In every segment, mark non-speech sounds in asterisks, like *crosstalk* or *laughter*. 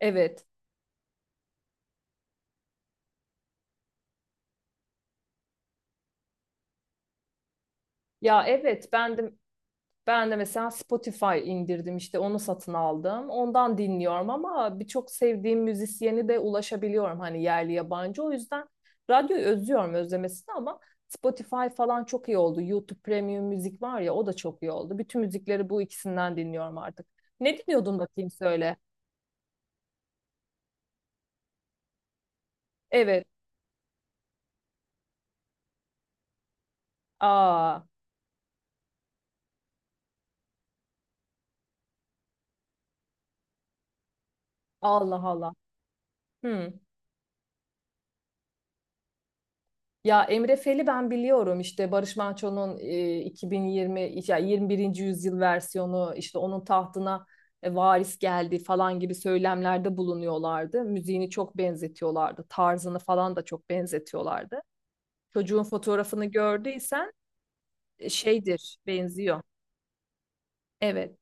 Evet. Ya evet ben de mesela Spotify indirdim işte onu satın aldım. Ondan dinliyorum ama birçok sevdiğim müzisyeni de ulaşabiliyorum hani yerli yabancı. O yüzden radyoyu özlüyorum özlemesini ama Spotify falan çok iyi oldu. YouTube Premium müzik var ya o da çok iyi oldu. Bütün müzikleri bu ikisinden dinliyorum artık. Ne dinliyordun bakayım söyle. Evet. Aa, Allah Allah. Hmm. Ya Emre Fel'i ben biliyorum işte Barış Manço'nun 2020 ya 21. yüzyıl versiyonu işte onun tahtına varis geldi falan gibi söylemlerde bulunuyorlardı. Müziğini çok benzetiyorlardı. Tarzını falan da çok benzetiyorlardı. Çocuğun fotoğrafını gördüysen şeydir, benziyor. Evet.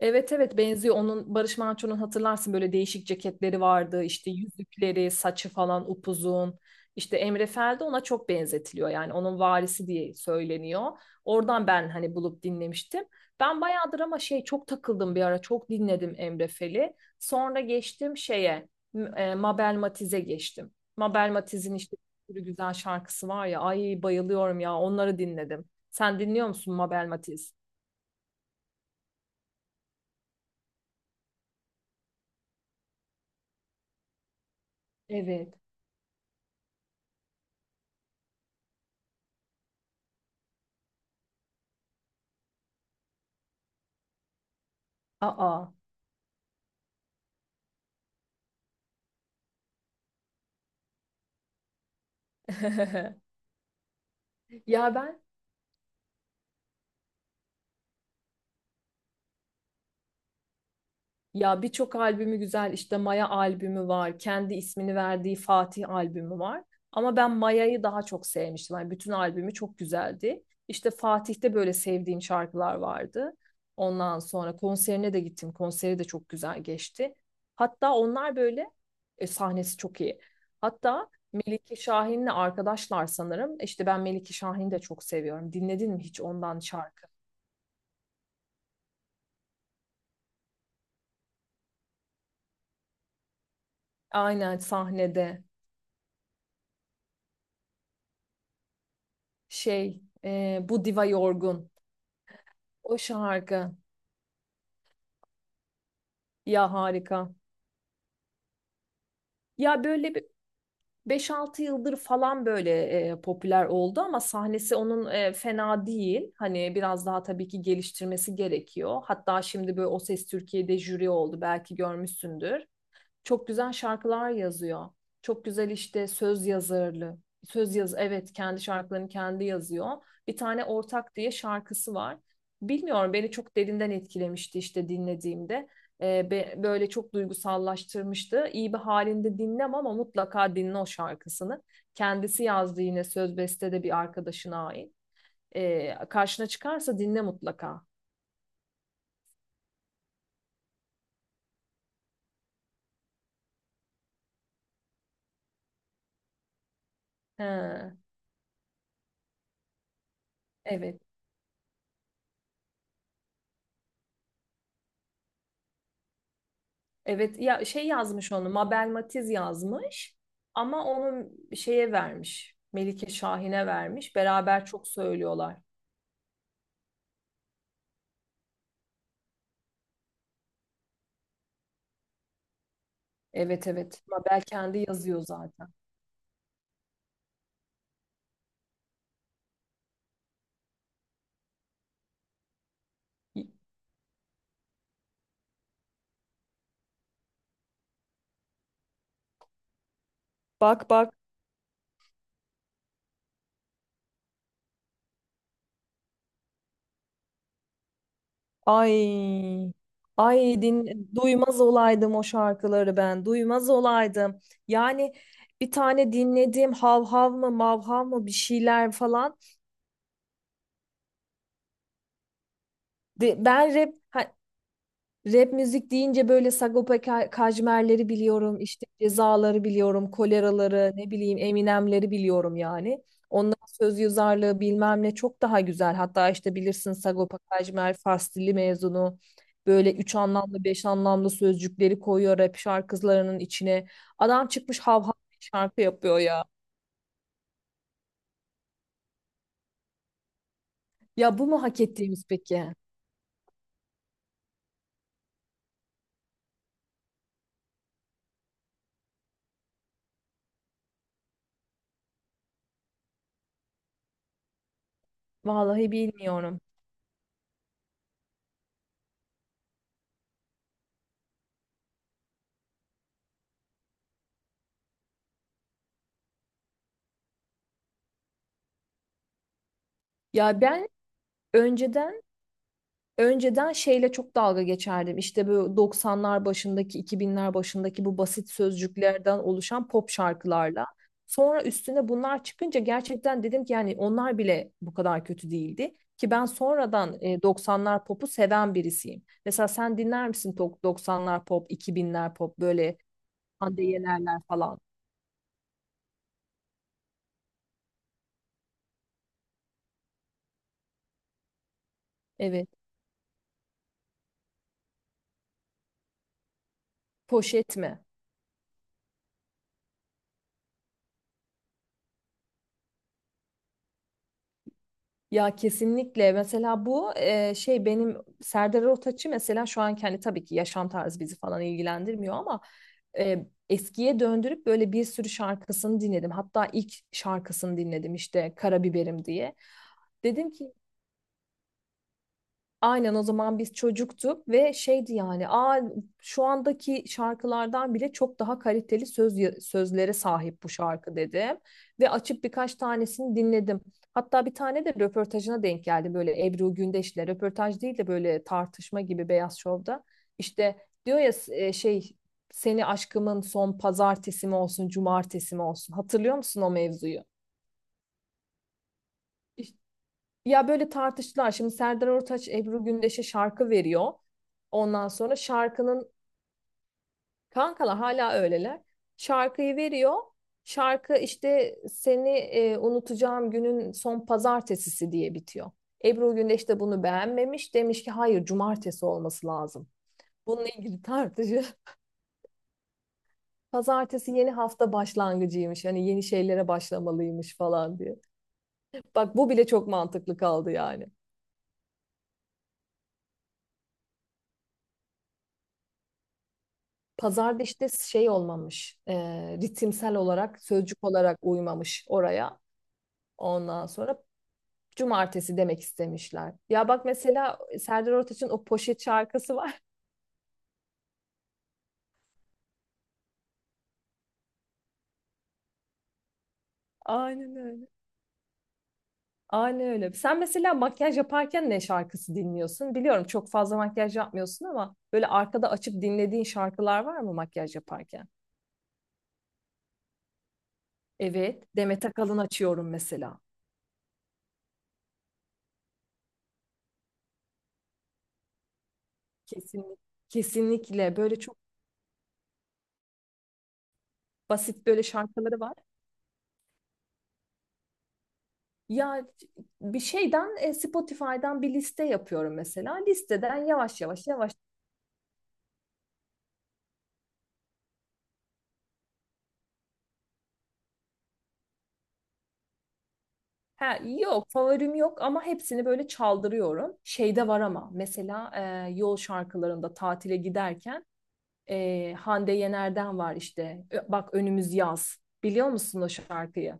Evet evet benziyor. Onun Barış Manço'nun hatırlarsın böyle değişik ceketleri vardı. İşte yüzükleri, saçı falan upuzun. İşte Emre Fel de ona çok benzetiliyor. Yani onun varisi diye söyleniyor. Oradan ben hani bulup dinlemiştim. Ben bayağıdır ama şey çok takıldım bir ara. Çok dinledim Emre Fel'i. Sonra geçtim şeye Mabel Matiz'e geçtim. Mabel Matiz'in işte bir sürü güzel şarkısı var ya. Ay bayılıyorum ya onları dinledim. Sen dinliyor musun Mabel Matiz? Evet. Aa. *laughs* Ya ben ya birçok albümü güzel işte Maya albümü var. Kendi ismini verdiği Fatih albümü var. Ama ben Maya'yı daha çok sevmiştim. Yani bütün albümü çok güzeldi. İşte Fatih'te böyle sevdiğim şarkılar vardı. Ondan sonra konserine de gittim. Konseri de çok güzel geçti. Hatta onlar böyle sahnesi çok iyi. Hatta Melike Şahin'le arkadaşlar sanırım. İşte ben Melike Şahin'i de çok seviyorum. Dinledin mi hiç ondan şarkı? Aynen sahnede. Şey bu diva yorgun. O şarkı ya harika. Ya böyle bir 5-6 yıldır falan böyle popüler oldu ama sahnesi onun fena değil. Hani biraz daha tabii ki geliştirmesi gerekiyor. Hatta şimdi böyle O Ses Türkiye'de jüri oldu belki görmüşsündür. Çok güzel şarkılar yazıyor. Çok güzel işte söz yazarlı. Söz yaz evet kendi şarkılarını kendi yazıyor. Bir tane Ortak diye şarkısı var. Bilmiyorum beni çok derinden etkilemişti işte dinlediğimde. Böyle çok duygusallaştırmıştı. İyi bir halinde dinlem ama mutlaka dinle o şarkısını. Kendisi yazdı yine söz beste de bir arkadaşına ait. Karşına çıkarsa dinle mutlaka. He, evet. Evet ya şey yazmış onu Mabel Matiz yazmış ama onu şeye vermiş Melike Şahin'e vermiş beraber çok söylüyorlar. Evet evet Mabel kendi yazıyor zaten. Bak bak ay ay duymaz olaydım o şarkıları ben duymaz olaydım. Yani bir tane dinlediğim hav hav mı mav hav mı bir şeyler falan. De, ben rap ha, Rap müzik deyince böyle Sagopa Kajmer'leri biliyorum, işte Cezaları biliyorum, Kolera'ları, ne bileyim Eminem'leri biliyorum yani. Onların söz yazarlığı bilmem ne çok daha güzel. Hatta işte bilirsin Sagopa Kajmer Fars dili mezunu. Böyle üç anlamlı, beş anlamlı sözcükleri koyuyor rap şarkılarının içine. Adam çıkmış hav hav şarkı yapıyor ya. Ya bu mu hak ettiğimiz peki? Vallahi bilmiyorum. Ya ben önceden Önceden şeyle çok dalga geçerdim. İşte bu 90'lar başındaki, 2000'ler başındaki bu basit sözcüklerden oluşan pop şarkılarla. Sonra üstüne bunlar çıkınca gerçekten dedim ki yani onlar bile bu kadar kötü değildi. Ki ben sonradan 90'lar popu seven birisiyim. Mesela sen dinler misin 90'lar pop, 2000'ler pop böyle Hande Yener'ler falan? Evet. Poşet mi? Ya kesinlikle mesela bu benim Serdar Ortaç'ı mesela şu an kendi tabii ki yaşam tarzı bizi falan ilgilendirmiyor ama eskiye döndürüp böyle bir sürü şarkısını dinledim. Hatta ilk şarkısını dinledim işte Karabiberim diye. Dedim ki aynen o zaman biz çocuktuk ve şeydi yani aa, şu andaki şarkılardan bile çok daha kaliteli sözlere sahip bu şarkı dedim. Ve açıp birkaç tanesini dinledim. Hatta bir tane de röportajına denk geldi böyle Ebru Gündeş'le röportaj değil de böyle tartışma gibi Beyaz Şov'da. İşte diyor ya seni aşkımın son pazartesi mi olsun cumartesi mi olsun hatırlıyor musun o mevzuyu? İşte ya böyle tartıştılar. Şimdi Serdar Ortaç Ebru Gündeş'e şarkı veriyor. Ondan sonra kankalar hala öyleler. Şarkıyı veriyor. Şarkı işte seni unutacağım günün son pazartesisi diye bitiyor. Ebru Gündeş de bunu beğenmemiş. Demiş ki hayır cumartesi olması lazım. Bununla ilgili tartışı. *laughs* Pazartesi yeni hafta başlangıcıymış. Hani yeni şeylere başlamalıymış falan diye. Bak bu bile çok mantıklı kaldı yani. Pazarda işte şey olmamış, ritimsel olarak, sözcük olarak uymamış oraya. Ondan sonra cumartesi demek istemişler. Ya bak mesela Serdar Ortaç'ın o poşet şarkısı var. *laughs* Aynen öyle. Aynen öyle. Sen mesela makyaj yaparken ne şarkısı dinliyorsun? Biliyorum çok fazla makyaj yapmıyorsun ama böyle arkada açıp dinlediğin şarkılar var mı makyaj yaparken? Evet, Demet Akalın açıyorum mesela. Kesinlikle. Kesinlikle böyle çok basit böyle şarkıları var. Ya bir şeyden Spotify'dan bir liste yapıyorum mesela. Listeden yavaş yavaş yavaş. Ha, yok favorim yok ama hepsini böyle çaldırıyorum. Şeyde var ama mesela yol şarkılarında tatile giderken Hande Yener'den var işte. Bak önümüz yaz. Biliyor musun o şarkıyı?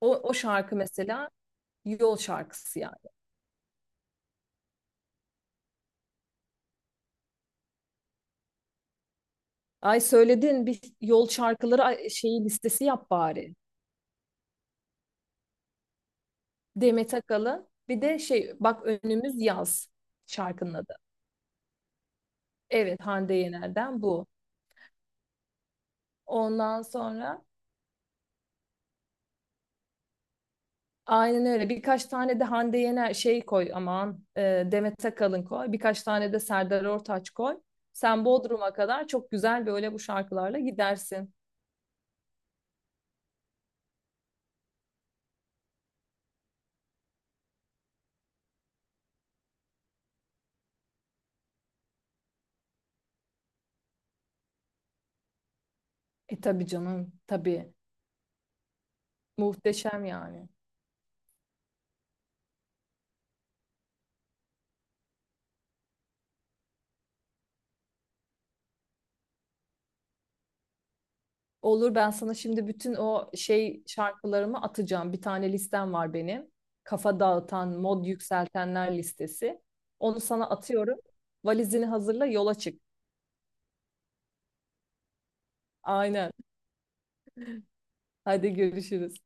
O şarkı mesela yol şarkısı yani. Ay söyledin bir yol şarkıları ay, şeyi listesi yap bari. Demet Akalın bir de şey bak önümüz yaz şarkının adı. Evet Hande Yener'den bu. Ondan sonra aynen öyle birkaç tane de Hande Yener şey koy aman Demet Akalın koy. Birkaç tane de Serdar Ortaç koy. Sen Bodrum'a kadar çok güzel böyle bu şarkılarla gidersin. E tabii canım tabii muhteşem yani. Olur ben sana şimdi bütün o şey şarkılarımı atacağım. Bir tane listem var benim. Kafa dağıtan, mod yükseltenler listesi. Onu sana atıyorum. Valizini hazırla yola çık. Aynen. Hadi görüşürüz.